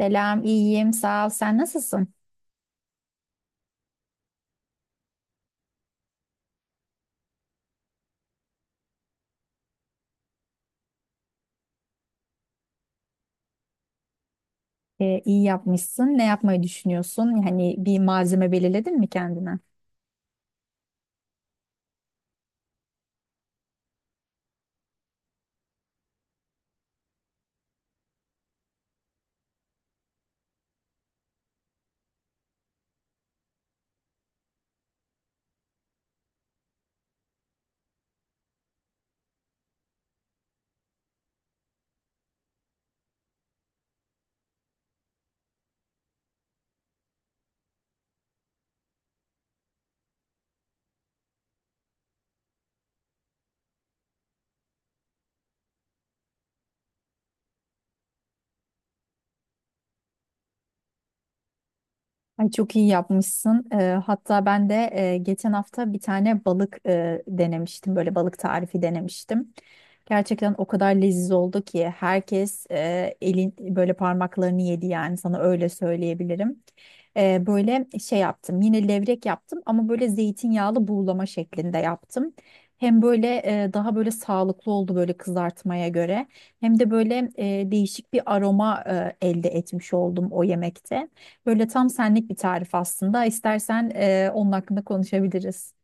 Selam, iyiyim, sağ ol. Sen nasılsın? İyi yapmışsın. Ne yapmayı düşünüyorsun? Yani bir malzeme belirledin mi kendine? Ay çok iyi yapmışsın. Hatta ben de geçen hafta bir tane balık denemiştim. Böyle balık tarifi denemiştim. Gerçekten o kadar leziz oldu ki herkes elin böyle parmaklarını yedi, yani sana öyle söyleyebilirim. Böyle şey yaptım, yine levrek yaptım ama böyle zeytinyağlı buğulama şeklinde yaptım. Hem böyle daha böyle sağlıklı oldu böyle kızartmaya göre, hem de böyle değişik bir aroma elde etmiş oldum o yemekte. Böyle tam senlik bir tarif aslında. İstersen onun hakkında konuşabiliriz.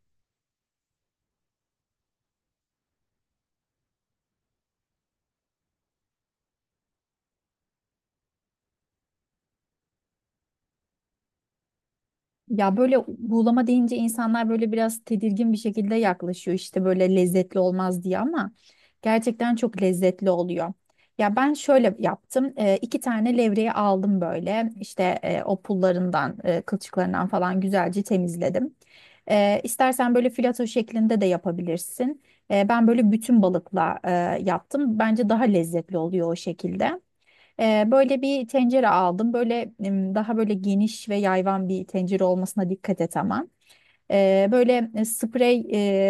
Ya böyle buğulama deyince insanlar böyle biraz tedirgin bir şekilde yaklaşıyor, işte böyle lezzetli olmaz diye, ama gerçekten çok lezzetli oluyor. Ya ben şöyle yaptım. İki tane levreyi aldım, böyle işte o pullarından, kılçıklarından falan güzelce temizledim. İstersen böyle filato şeklinde de yapabilirsin. Ben böyle bütün balıkla yaptım, bence daha lezzetli oluyor o şekilde. Böyle bir tencere aldım. Böyle daha böyle geniş ve yayvan bir tencere olmasına dikkat et ama. Böyle sprey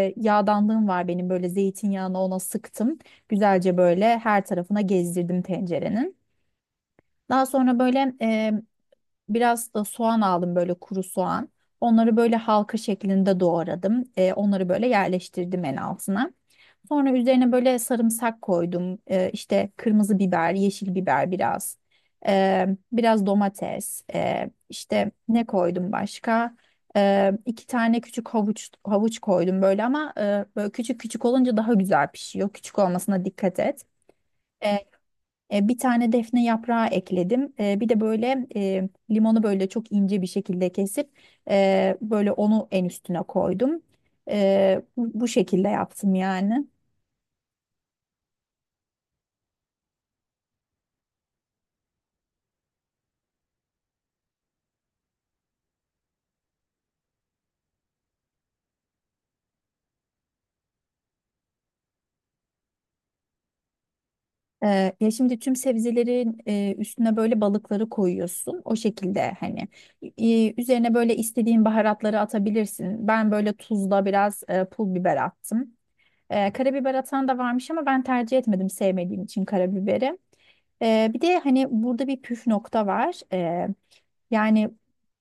yağdanlığım var benim. Böyle zeytinyağını ona sıktım. Güzelce böyle her tarafına gezdirdim tencerenin. Daha sonra böyle biraz da soğan aldım, böyle kuru soğan. Onları böyle halka şeklinde doğradım. E, onları böyle yerleştirdim en altına. Sonra üzerine böyle sarımsak koydum. İşte kırmızı biber, yeşil biber biraz. Ee, Biraz domates. İşte ne koydum başka? İki tane küçük havuç koydum böyle, ama böyle küçük küçük olunca daha güzel pişiyor. Küçük olmasına dikkat et. Ee, Bir tane defne yaprağı ekledim. Bir de böyle limonu böyle çok ince bir şekilde kesip böyle onu en üstüne koydum. Bu şekilde yaptım yani. Ya şimdi tüm sebzelerin üstüne böyle balıkları koyuyorsun. O şekilde hani üzerine böyle istediğin baharatları atabilirsin. Ben böyle tuzla biraz pul biber attım. Karabiber atan da varmış ama ben tercih etmedim sevmediğim için karabiberi. Bir de hani burada bir püf nokta var. Yani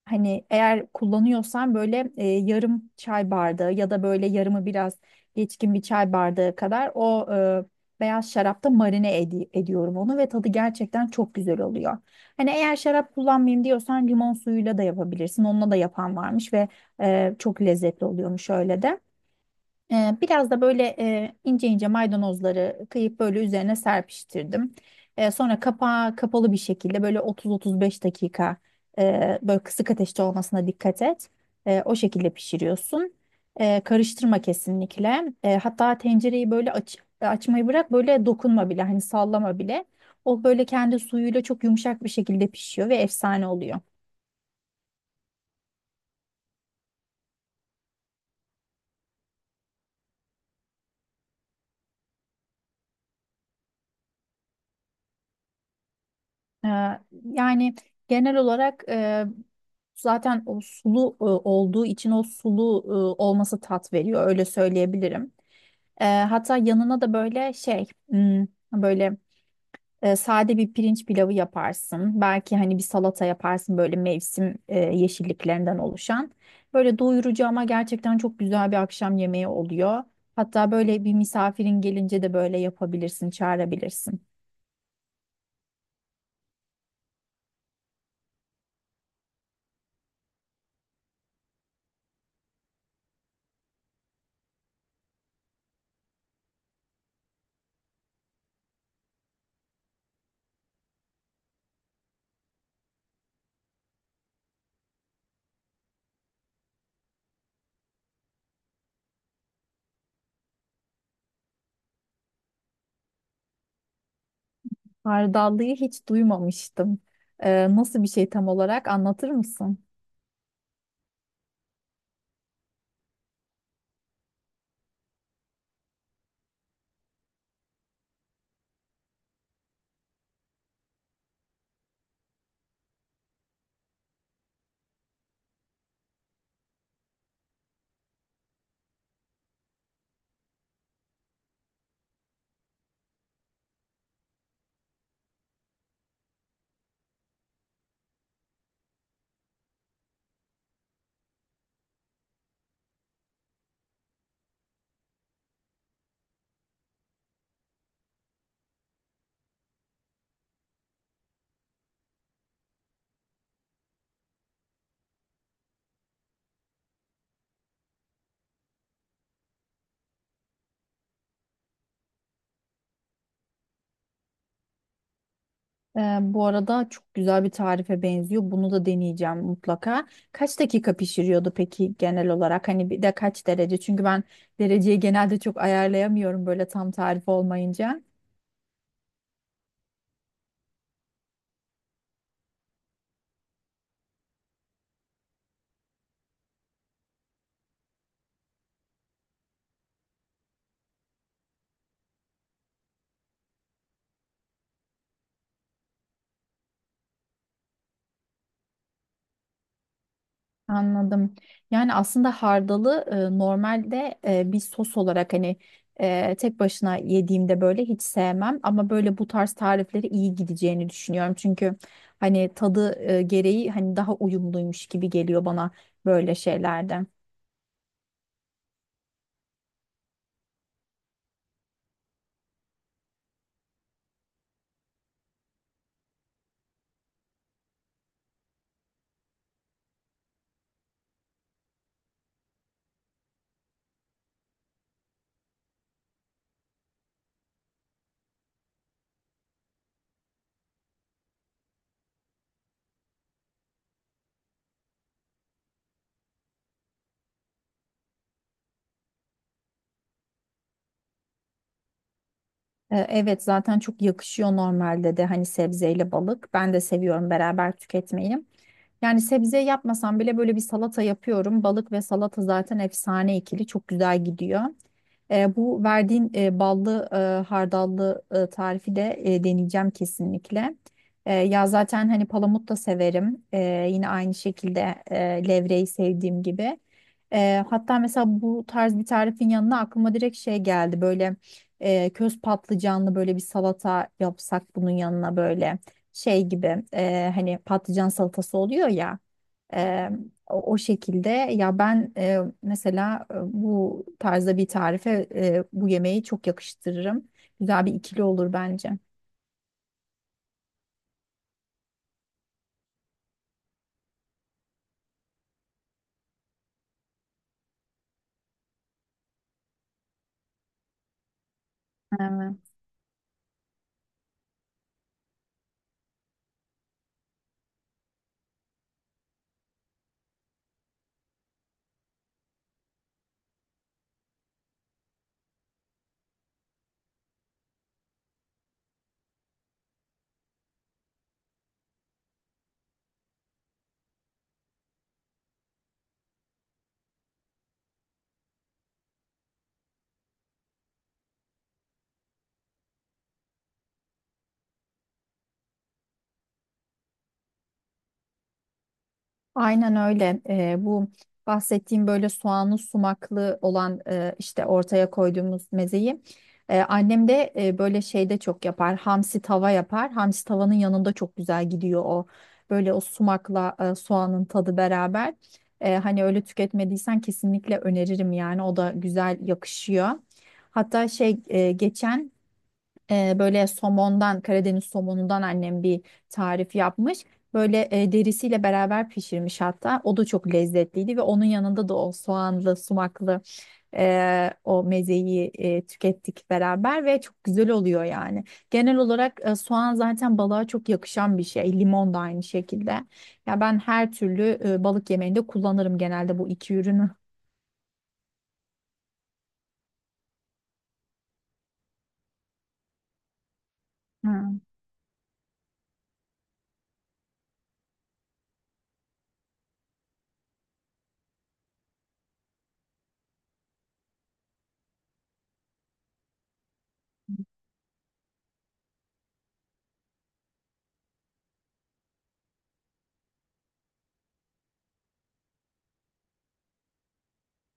Hani eğer kullanıyorsan böyle yarım çay bardağı ya da böyle yarımı biraz geçkin bir çay bardağı kadar o beyaz şarapta ediyorum onu ve tadı gerçekten çok güzel oluyor. Hani eğer şarap kullanmayayım diyorsan limon suyuyla da yapabilirsin. Onunla da yapan varmış ve çok lezzetli oluyormuş öyle de. Biraz da böyle ince ince maydanozları kıyıp böyle üzerine serpiştirdim. Sonra kapağı kapalı bir şekilde böyle 30-35 dakika, böyle kısık ateşte olmasına dikkat et. E, o şekilde pişiriyorsun. E, karıştırma kesinlikle. E, hatta tencereyi böyle açmayı bırak, böyle dokunma bile, hani sallama bile. O böyle kendi suyuyla çok yumuşak bir şekilde pişiyor ve efsane oluyor. Ee, yani Genel olarak zaten o sulu olduğu için, o sulu olması tat veriyor, öyle söyleyebilirim. Hatta yanına da böyle şey, hmm, böyle. E, sade bir pirinç pilavı yaparsın. Belki hani bir salata yaparsın böyle mevsim yeşilliklerinden oluşan. Böyle doyurucu ama gerçekten çok güzel bir akşam yemeği oluyor. Hatta böyle bir misafirin gelince de böyle yapabilirsin, çağırabilirsin. Hardallıyı hiç duymamıştım. E, nasıl bir şey tam olarak anlatır mısın? Bu arada çok güzel bir tarife benziyor. Bunu da deneyeceğim mutlaka. Kaç dakika pişiriyordu peki genel olarak? Hani bir de kaç derece? Çünkü ben dereceyi genelde çok ayarlayamıyorum böyle tam tarif olmayınca. Anladım. Yani aslında hardalı normalde bir sos olarak hani tek başına yediğimde böyle hiç sevmem. Ama böyle bu tarz tarifleri iyi gideceğini düşünüyorum. Çünkü hani tadı gereği hani daha uyumluymuş gibi geliyor bana böyle şeylerde. Evet, zaten çok yakışıyor normalde de hani sebzeyle balık. Ben de seviyorum beraber tüketmeyi. Yani sebze yapmasam bile böyle bir salata yapıyorum. Balık ve salata zaten efsane ikili, çok güzel gidiyor. Bu verdiğin ballı hardallı tarifi de deneyeceğim kesinlikle. Ya zaten hani palamut da severim. Yine aynı şekilde levreyi sevdiğim gibi. Hatta mesela bu tarz bir tarifin yanına aklıma direkt şey geldi. Böyle köz patlıcanlı böyle bir salata yapsak bunun yanına, böyle şey gibi, hani patlıcan salatası oluyor ya. Eee, o şekilde ya ben mesela bu tarzda bir tarife bu yemeği çok yakıştırırım. Güzel bir ikili olur bence. Evet. Aynen öyle. Bu bahsettiğim böyle soğanlı sumaklı olan işte ortaya koyduğumuz mezeyi annem de böyle şeyde çok yapar. Hamsi tava yapar. Hamsi tavanın yanında çok güzel gidiyor o. Böyle o sumakla soğanın tadı beraber. Hani öyle tüketmediysen kesinlikle öneririm yani. O da güzel yakışıyor. Hatta böyle somondan, Karadeniz somonundan annem bir tarif yapmış. Böyle derisiyle beraber pişirmiş hatta. O da çok lezzetliydi ve onun yanında da o soğanlı, sumaklı o mezeyi tükettik beraber ve çok güzel oluyor yani. Genel olarak soğan zaten balığa çok yakışan bir şey. Limon da aynı şekilde. Ya ben her türlü balık yemeğinde kullanırım genelde bu iki ürünü. Hı.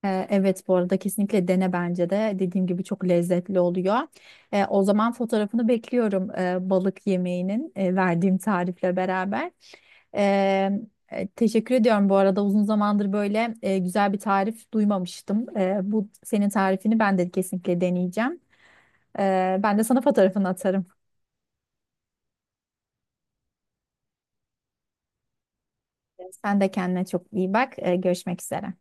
Evet, bu arada kesinlikle dene bence de. Dediğim gibi çok lezzetli oluyor. O zaman fotoğrafını bekliyorum balık yemeğinin, verdiğim tarifle beraber. Ee, Teşekkür ediyorum, bu arada uzun zamandır böyle güzel bir tarif duymamıştım. Bu senin tarifini ben de kesinlikle deneyeceğim. Ben de sana fotoğrafını atarım. Sen de kendine çok iyi bak. Görüşmek üzere.